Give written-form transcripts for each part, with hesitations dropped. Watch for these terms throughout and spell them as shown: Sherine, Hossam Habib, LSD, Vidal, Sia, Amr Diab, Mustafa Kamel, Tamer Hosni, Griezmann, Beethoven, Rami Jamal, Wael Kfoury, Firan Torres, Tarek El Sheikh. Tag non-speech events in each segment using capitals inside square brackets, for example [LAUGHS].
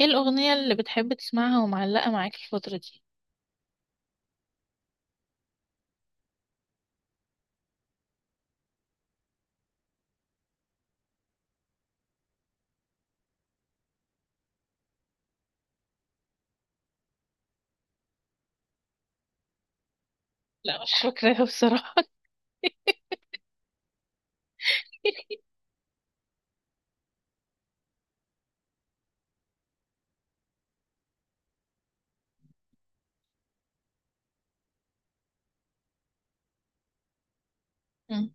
ايه الأغنية اللي بتحب تسمعها ومعلقة معاك الفترة دي؟ لا، مش فاكراها بصراحة. مم.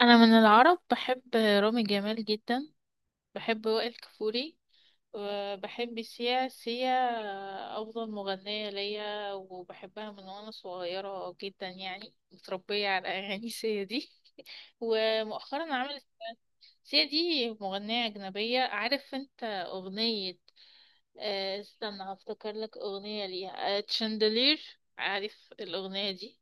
أنا من العرب بحب رامي جمال جدا، بحب وائل كفوري، وبحب سيا. سيا أفضل مغنية ليا، وبحبها من وأنا صغيرة جدا، يعني متربية على أغاني سيا دي. ومؤخرا عملت... سيا دي مغنية أجنبية، عارف أنت أغنية؟ استنى هفتكر لك أغنية ليها، تشاندلير، عارف الأغنية دي؟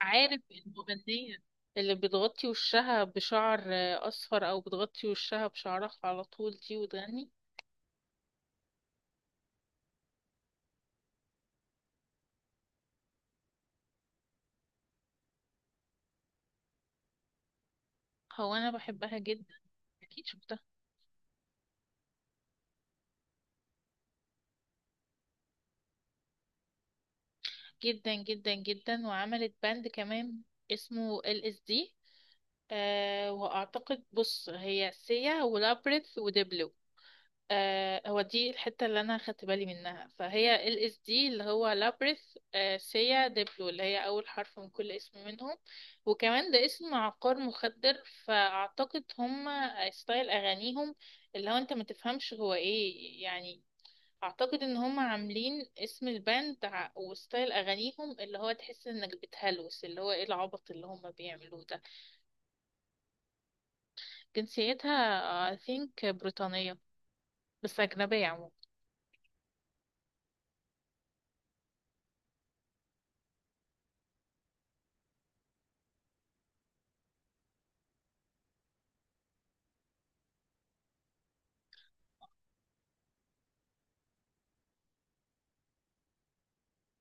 عارف المغنية اللي بتغطي وشها بشعر أصفر، أو بتغطي وشها بشعرها على طول دي وتغني. هو أنا بحبها جدا، أكيد شفتها. جدا جدا جدا، وعملت باند كمان اسمه ال اس دي. أه وأعتقد، بص، هي سيا ولابريث ودبلو. آه، هو دي الحتة اللي أنا خدت بالي منها، فهي ال اس دي اللي هو لابريث، آه، سيا، ديبلو، اللي هي أول حرف من كل اسم منهم. وكمان ده اسم عقار مخدر، فأعتقد هم ستايل أغانيهم اللي هو أنت ما تفهمش هو إيه، يعني أعتقد إن هم عاملين اسم الباند وستايل أغانيهم اللي هو تحس إنك بتهلوس، اللي هو إيه العبط اللي هم بيعملوه ده. جنسيتها I think بريطانية، بس أجنبية عموما.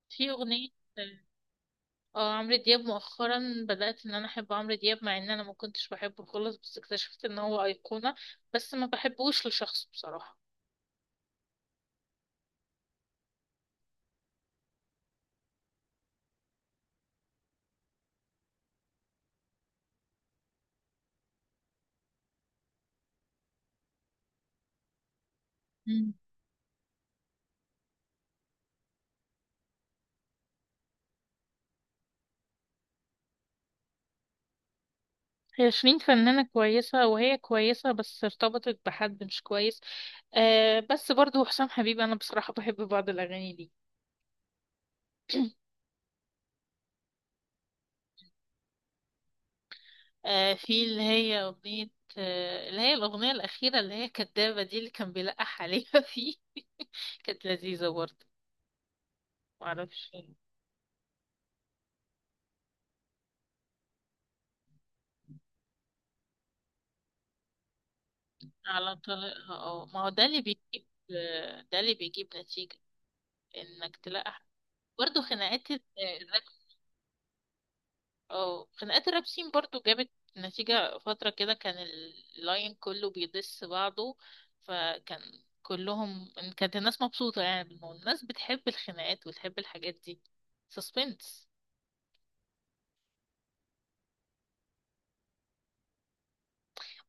في أغنية. آه، اه، عمرو دياب مؤخرا بدأت ان انا احب عمرو دياب، مع ان انا ما كنتش بحبه خالص، بس اكتشفت ان هو أيقونة، بس ما بحبوش لشخصه بصراحة. مم. هي شيرين فنانة كويسة، وهي كويسة، بس ارتبطت بحد مش كويس. آه، بس برضو حسام حبيب أنا بصراحة بحب بعض الأغاني دي. آه، في اللي هي أغنية، آه، اللي هي الأغنية الأخيرة اللي هي كدابة دي اللي كان بيلقح عليها [LAUGHS] فيه، كانت لذيذة برضو. معرفش. على طريقها، اه، ما هو ده اللي بيجيب، ده اللي بيجيب نتيجة، انك تلاقي حد. برضه خناقات الراب. اه، خناقات الرابسين برضه جابت نتيجة فترة كده. كان اللاين كله بيدس بعضه. فكان كلهم، إن كانت الناس مبسوطة يعني بالموضوع، الناس بتحب الخناقات وتحب الحاجات دي. سسبنس.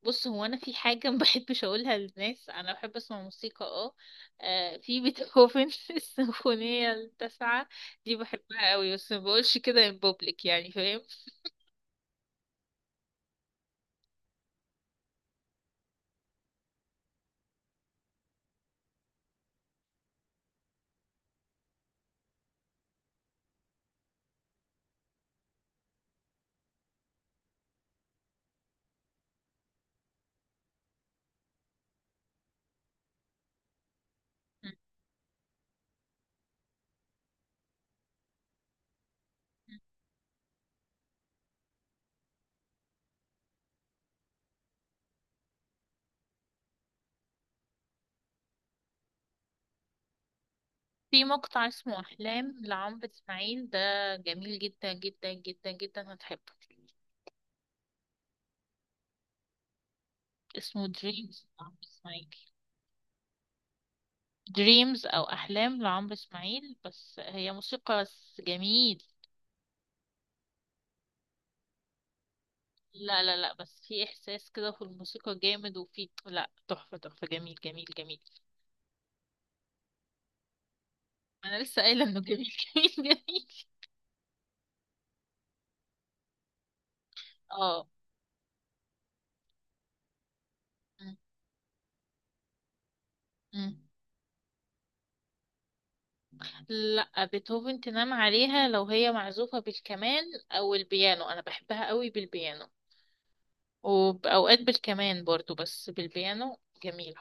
بص، هو انا في حاجه ما بحبش اقولها للناس، انا بحب اسمع موسيقى. اه، في بيتهوفن [LAUGHS] السيمفونيه التاسعه دي بحبها قوي، بس ما بقولش كده ان بوبليك، يعني فاهم. م- م. في مقطع اسمه احلام لعمرو اسماعيل ده، جميل جدا جدا جدا جدا، هتحبه. اسمه دريمز لعمرو اسماعيل. دريمز او احلام لعمرو اسماعيل، بس هي موسيقى بس جميل. لا لا لا، بس في احساس كده في الموسيقى جامد، وفي، لا، تحفة تحفة، جميل جميل جميل. انا لسه قايلة انه جميل. [LAUGHS] جميل. جميل. اه. م- م. لا، بيتهوفن تنام عليها لو هي معزوفة بالكمان او البيانو، انا بحبها قوي بالبيانو، وبأوقات بالكمان برضو، بس بالبيانو جميلة.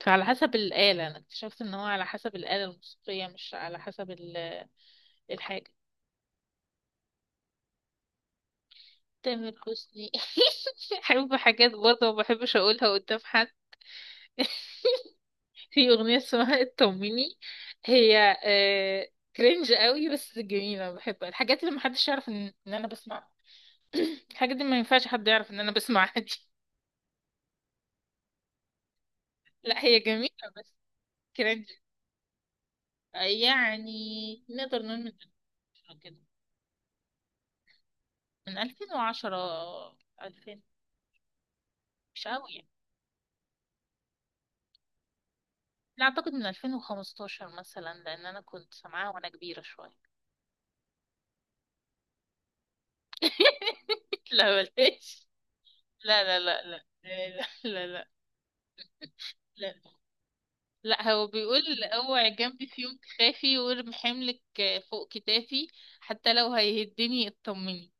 فعلى حسب الآلة، أنا اكتشفت إن هو على حسب الآلة الموسيقية، مش على حسب الحاجة. تامر حسني، [LAUGHS] بحب حاجات برضه ما بحبش أقولها قدام حد. [LAUGHS] في أغنية اسمها اطمني، هي آه كرنج قوي، بس جميلة بحبها. الحاجات اللي محدش يعرف إن انا بسمعها، الحاجات دي ما ينفعش حد يعرف ان انا بسمعها دي. [LAUGHS] لا، هي جميلة بس كرنج. يعني نقدر نقول من 2000 كده، من 2010 2000، مش قوي يعني. لا، اعتقد من 2015 مثلا، لان انا كنت سامعاها وانا كبيرة شوية. [LAUGHS] لا بلاش. لا لا لا لا لا. لا لا. لا. لا، هو بيقول اوعي جنبي في يوم تخافي، وارمي حملك فوق كتافي، حتى لو هيهدني اطمني.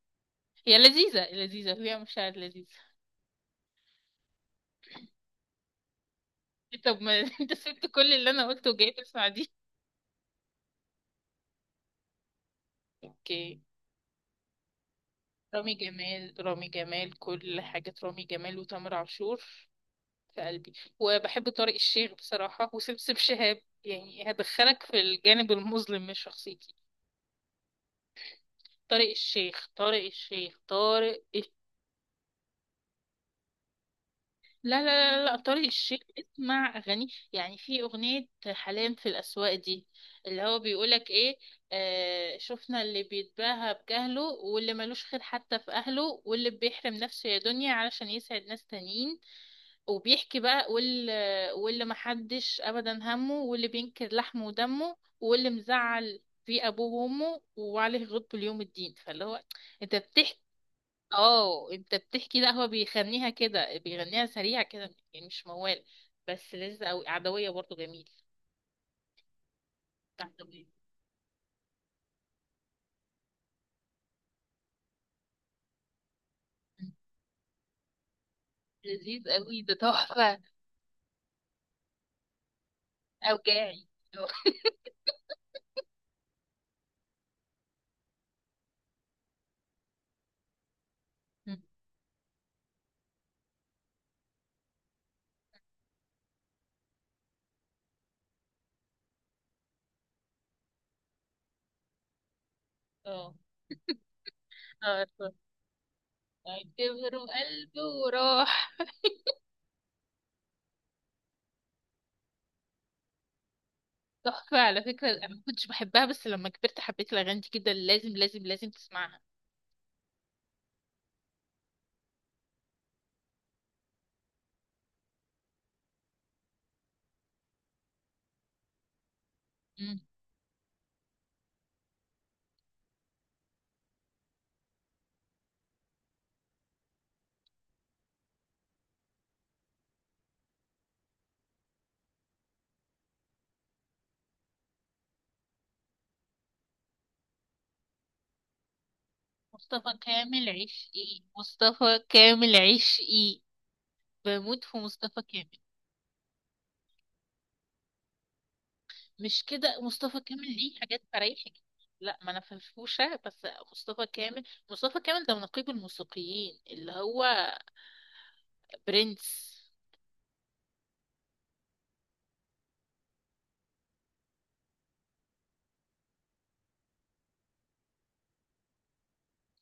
هي لذيذة لذيذة، فيها مشاعر لذيذة. طب ما [LAUGHS] انت سبت كل اللي انا قلته وجاي تسمع دي. اوكي. رامي جمال، رامي جمال، كل حاجة رامي جمال وتامر عاشور. في قلبي. وبحب طارق الشيخ بصراحة وسمسم شهاب، يعني هدخلك في الجانب المظلم من شخصيتي. طارق الشيخ، طارق الشيخ، طارق. لا لا لا لا، طارق الشيخ اسمع اغاني، يعني في اغنيه حلام في الاسواق دي اللي هو بيقولك ايه. آه، شفنا اللي بيتباهى بجهله، واللي ملوش خير حتى في اهله، واللي بيحرم نفسه يا دنيا علشان يسعد ناس تانيين، وبيحكي بقى، واللي محدش ابدا همه، واللي بينكر لحمه ودمه، واللي مزعل في ابوه وامه وعليه غضب اليوم الدين. فاللي هو انت بتحكي. اه، انت بتحكي. لا، هو بيغنيها كده، بيغنيها سريع كده، يعني مش موال. بس لذيذ قوي. عدوية برضو جميل. عدوية. مم. لذيذ قوي، ده تحفة. اوجاعي. مم. اه، اه، اعتبره قلبي وراح. تحفة، على فكرة انا ما كنتش بحبها، بس لما كبرت حبيت الاغاني دي جدا. لازم لازم لازم تسمعها. مم. مصطفى كامل عيش ايه، مصطفى كامل عيش ايه، بموت في مصطفى كامل. مش كده، مصطفى كامل ليه حاجات فريحك. لا، ما انا فرفوشه بس. مصطفى كامل، مصطفى كامل ده نقيب الموسيقيين، اللي هو برنس.